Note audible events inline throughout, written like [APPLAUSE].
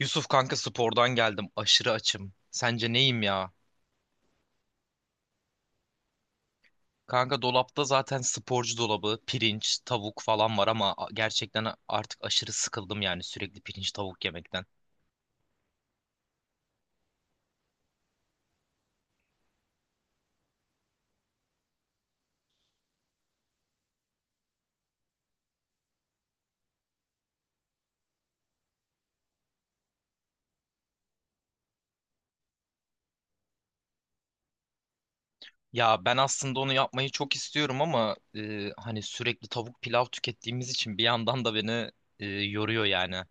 Yusuf kanka spordan geldim. Aşırı açım. Sence neyim ya? Kanka dolapta zaten sporcu dolabı, pirinç, tavuk falan var ama gerçekten artık aşırı sıkıldım yani sürekli pirinç tavuk yemekten. Ya ben aslında onu yapmayı çok istiyorum ama hani sürekli tavuk pilav tükettiğimiz için bir yandan da beni yoruyor yani.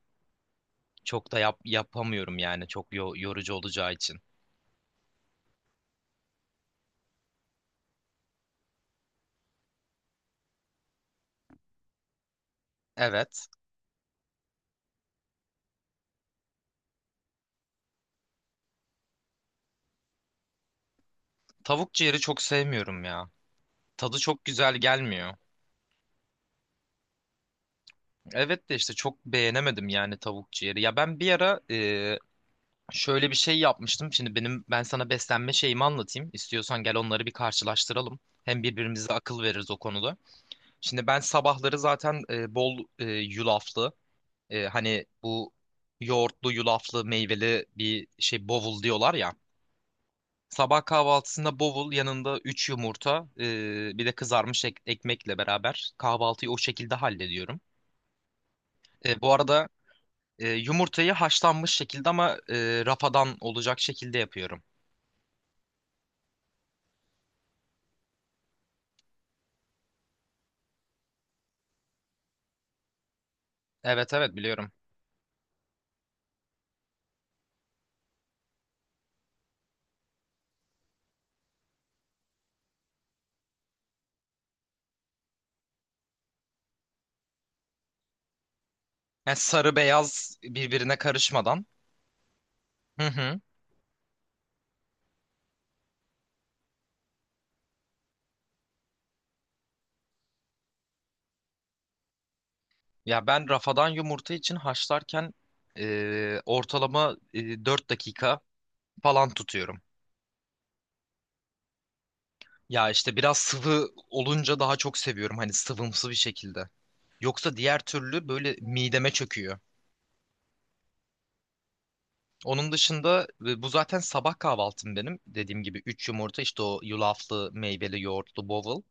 Çok da yapamıyorum yani çok yorucu olacağı için. Evet. Tavuk ciğeri çok sevmiyorum ya. Tadı çok güzel gelmiyor. Evet de işte çok beğenemedim yani tavuk ciğeri. Ya ben bir ara şöyle bir şey yapmıştım. Şimdi ben sana beslenme şeyimi anlatayım. İstiyorsan gel onları bir karşılaştıralım. Hem birbirimize akıl veririz o konuda. Şimdi ben sabahları zaten bol yulaflı hani bu yoğurtlu yulaflı meyveli bir şey bovul diyorlar ya. Sabah kahvaltısında bovul yanında 3 yumurta bir de kızarmış ekmekle beraber kahvaltıyı o şekilde hallediyorum. Bu arada yumurtayı haşlanmış şekilde ama rafadan olacak şekilde yapıyorum. Evet evet biliyorum. Yani sarı beyaz birbirine karışmadan. Hı hı. Ya ben rafadan yumurta için haşlarken ortalama 4 dakika falan tutuyorum. Ya işte biraz sıvı olunca daha çok seviyorum hani sıvımsı bir şekilde. Yoksa diğer türlü böyle mideme çöküyor. Onun dışında bu zaten sabah kahvaltım benim. Dediğim gibi 3 yumurta işte o yulaflı, meyveli, yoğurtlu bowl.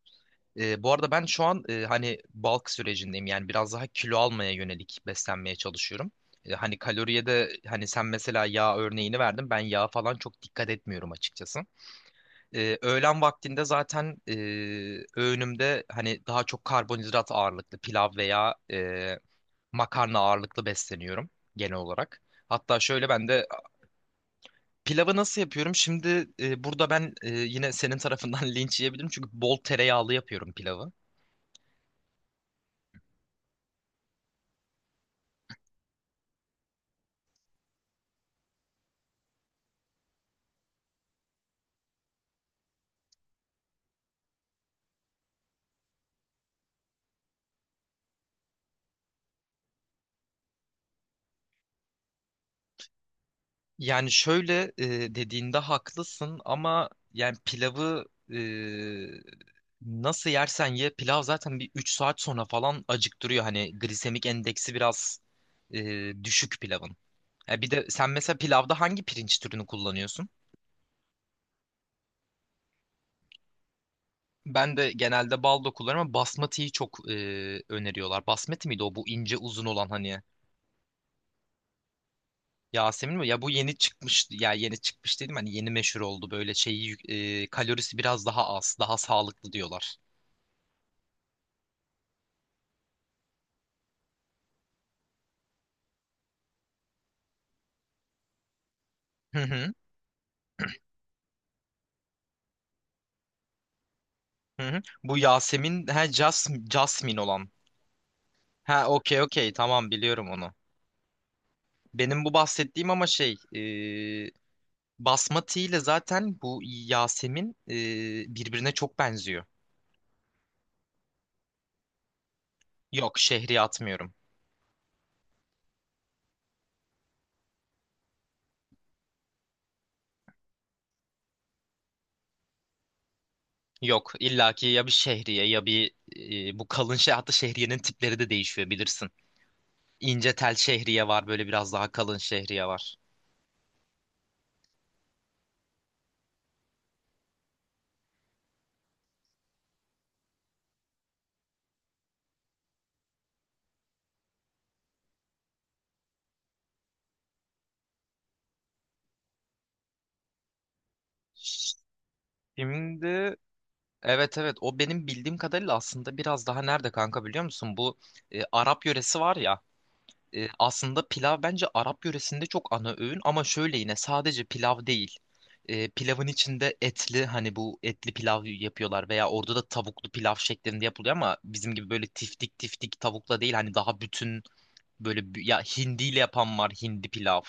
Bu arada ben şu an hani bulk sürecindeyim yani biraz daha kilo almaya yönelik beslenmeye çalışıyorum. Hani kaloriye de hani sen mesela yağ örneğini verdin ben yağa falan çok dikkat etmiyorum açıkçası. Öğlen vaktinde zaten öğünümde hani daha çok karbonhidrat ağırlıklı pilav veya makarna ağırlıklı besleniyorum genel olarak. Hatta şöyle ben de pilavı nasıl yapıyorum? Şimdi burada ben yine senin tarafından [LAUGHS] linç yiyebilirim çünkü bol tereyağlı yapıyorum pilavı. Yani şöyle dediğinde haklısın ama yani pilavı e, nasıl yersen ye pilav zaten bir 3 saat sonra falan acıktırıyor. Hani glisemik endeksi biraz düşük pilavın. Ya bir de sen mesela pilavda hangi pirinç türünü kullanıyorsun? Ben de genelde baldo kullanıyorum ama basmatiyi çok öneriyorlar. Basmati miydi o bu ince uzun olan hani Yasemin mi? Ya bu yeni çıkmış ya yeni çıkmış dedim hani yeni meşhur oldu böyle şeyi kalorisi biraz daha az daha sağlıklı diyorlar. Hı hı hı. Hı. Bu Yasemin ha Jasmine olan. Ha okey okey tamam biliyorum onu. Benim bu bahsettiğim ama şey e, basmati ile zaten bu Yasemin birbirine çok benziyor. Yok şehriye atmıyorum. Yok illaki ya bir şehriye ya bir bu kalın şey, hatta şehriyenin tipleri de değişiyor bilirsin. İnce tel şehriye var, böyle biraz daha kalın şehriye var. Şimdi evet evet o benim bildiğim kadarıyla aslında biraz daha nerede kanka biliyor musun? Bu Arap yöresi var ya, aslında pilav bence Arap yöresinde çok ana öğün ama şöyle yine sadece pilav değil. Pilavın içinde etli hani bu etli pilav yapıyorlar veya orada da tavuklu pilav şeklinde yapılıyor ama bizim gibi böyle tiftik tiftik tavukla değil, hani daha bütün böyle ya hindiyle yapan var, hindi pilav.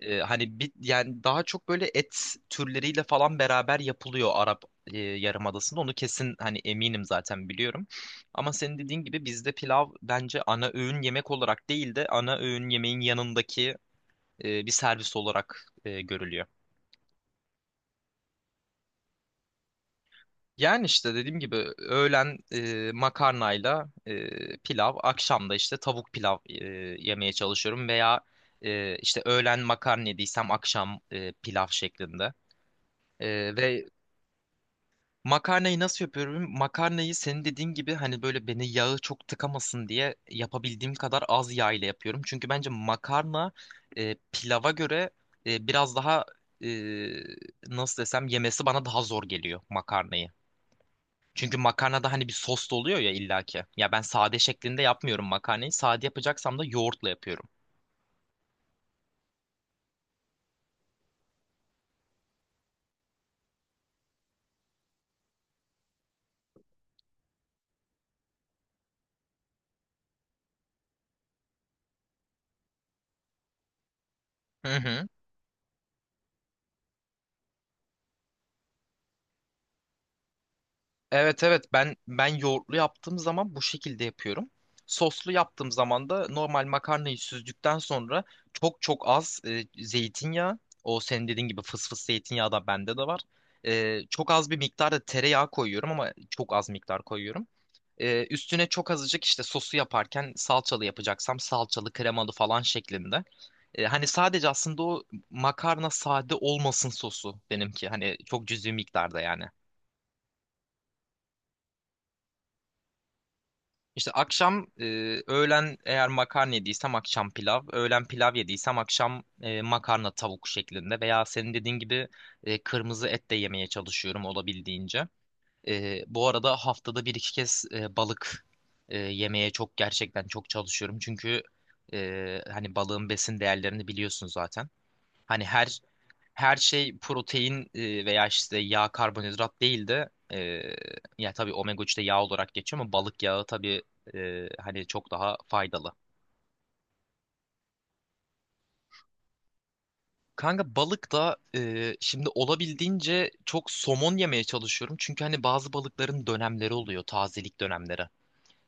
Hani bir yani daha çok böyle et türleriyle falan beraber yapılıyor Arap Yarımadası'nda. Onu kesin hani eminim zaten biliyorum. Ama senin dediğin gibi bizde pilav bence ana öğün yemek olarak değil de ana öğün yemeğin yanındaki bir servis olarak görülüyor. Yani işte dediğim gibi öğlen makarnayla pilav, akşamda işte tavuk pilav yemeye çalışıyorum veya işte öğlen makarna yediysem akşam pilav şeklinde. E, ve Makarnayı nasıl yapıyorum? Makarnayı senin dediğin gibi hani böyle beni yağı çok tıkamasın diye yapabildiğim kadar az yağ ile yapıyorum. Çünkü bence makarna pilava göre biraz daha e, nasıl desem yemesi bana daha zor geliyor makarnayı. Çünkü makarnada hani bir sos da oluyor ya illaki. Ya ben sade şeklinde yapmıyorum makarnayı. Sade yapacaksam da yoğurtla yapıyorum. Hı hı. Evet evet ben yoğurtlu yaptığım zaman bu şekilde yapıyorum. Soslu yaptığım zaman da normal makarnayı süzdükten sonra çok çok az zeytinyağı, o senin dediğin gibi fıs fıs zeytinyağı da bende de var. Çok az bir miktarda tereyağı koyuyorum ama çok az miktar koyuyorum. Üstüne çok azıcık işte sosu yaparken salçalı yapacaksam salçalı kremalı falan şeklinde. Hani sadece aslında o makarna sade olmasın sosu benimki. Hani çok cüzi miktarda yani. İşte akşam öğlen eğer makarna yediysem akşam pilav, öğlen pilav yediysem akşam makarna tavuk şeklinde veya senin dediğin gibi kırmızı et de yemeye çalışıyorum olabildiğince. Bu arada haftada bir iki kez balık yemeye çok gerçekten çok çalışıyorum çünkü hani balığın besin değerlerini biliyorsun zaten. Hani her şey protein veya işte yağ karbonhidrat değil de ya tabii omega 3 de yağ olarak geçiyor ama balık yağı tabii hani çok daha faydalı. Kanka balık da şimdi olabildiğince çok somon yemeye çalışıyorum. Çünkü hani bazı balıkların dönemleri oluyor, tazelik dönemleri.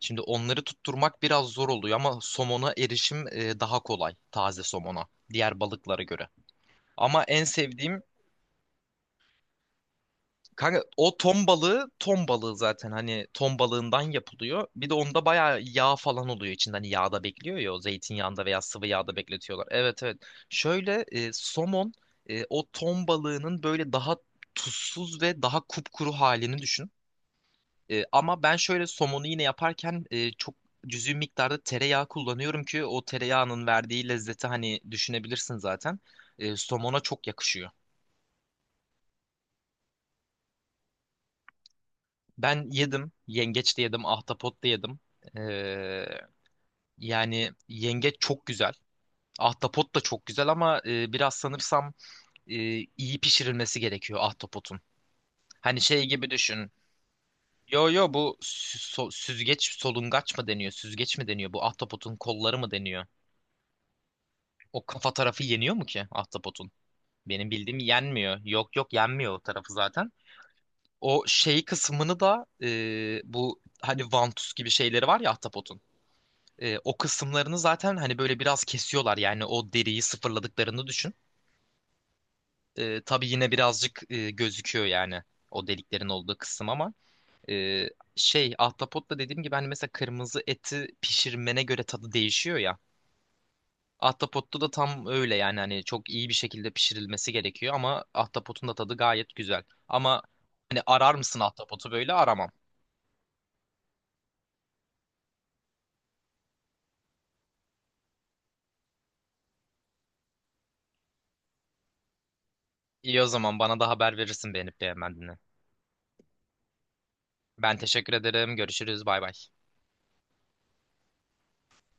Şimdi onları tutturmak biraz zor oluyor ama somona erişim daha kolay, taze somona diğer balıklara göre. Ama en sevdiğim. Kanka o ton balığı zaten hani ton balığından yapılıyor. Bir de onda bayağı yağ falan oluyor içinde hani yağda bekliyor ya, o zeytinyağında veya sıvı yağda bekletiyorlar. Evet evet. Şöyle somon o ton balığının böyle daha tuzsuz ve daha kupkuru halini düşün. Ama ben şöyle somonu yine yaparken çok cüzi miktarda tereyağı kullanıyorum ki o tereyağının verdiği lezzeti hani düşünebilirsin zaten. Somona çok yakışıyor. Ben yedim. Yengeç de yedim. Ahtapot da yedim. Ee, yani yengeç çok güzel. Ahtapot da çok güzel ama biraz sanırsam e, iyi pişirilmesi gerekiyor ahtapotun. Hani şey gibi düşün. Yo yo, bu süzgeç solungaç mı deniyor? Süzgeç mi deniyor? Bu ahtapotun kolları mı deniyor? O kafa tarafı yeniyor mu ki ahtapotun? Benim bildiğim yenmiyor. Yok yok, yenmiyor o tarafı zaten. O şey kısmını da bu hani vantuz gibi şeyleri var ya ahtapotun. O kısımlarını zaten hani böyle biraz kesiyorlar yani, o deriyi sıfırladıklarını düşün. Tabii yine birazcık gözüküyor yani o deliklerin olduğu kısım ama e, şey, ahtapotla dediğim gibi hani mesela kırmızı eti pişirmene göre tadı değişiyor ya. Ahtapotta da tam öyle yani hani çok iyi bir şekilde pişirilmesi gerekiyor ama ahtapotun da tadı gayet güzel. Ama hani arar mısın ahtapotu, böyle aramam. İyi o zaman bana da haber verirsin beğenip beğenmediğini. Ben teşekkür ederim. Görüşürüz. Bay bay.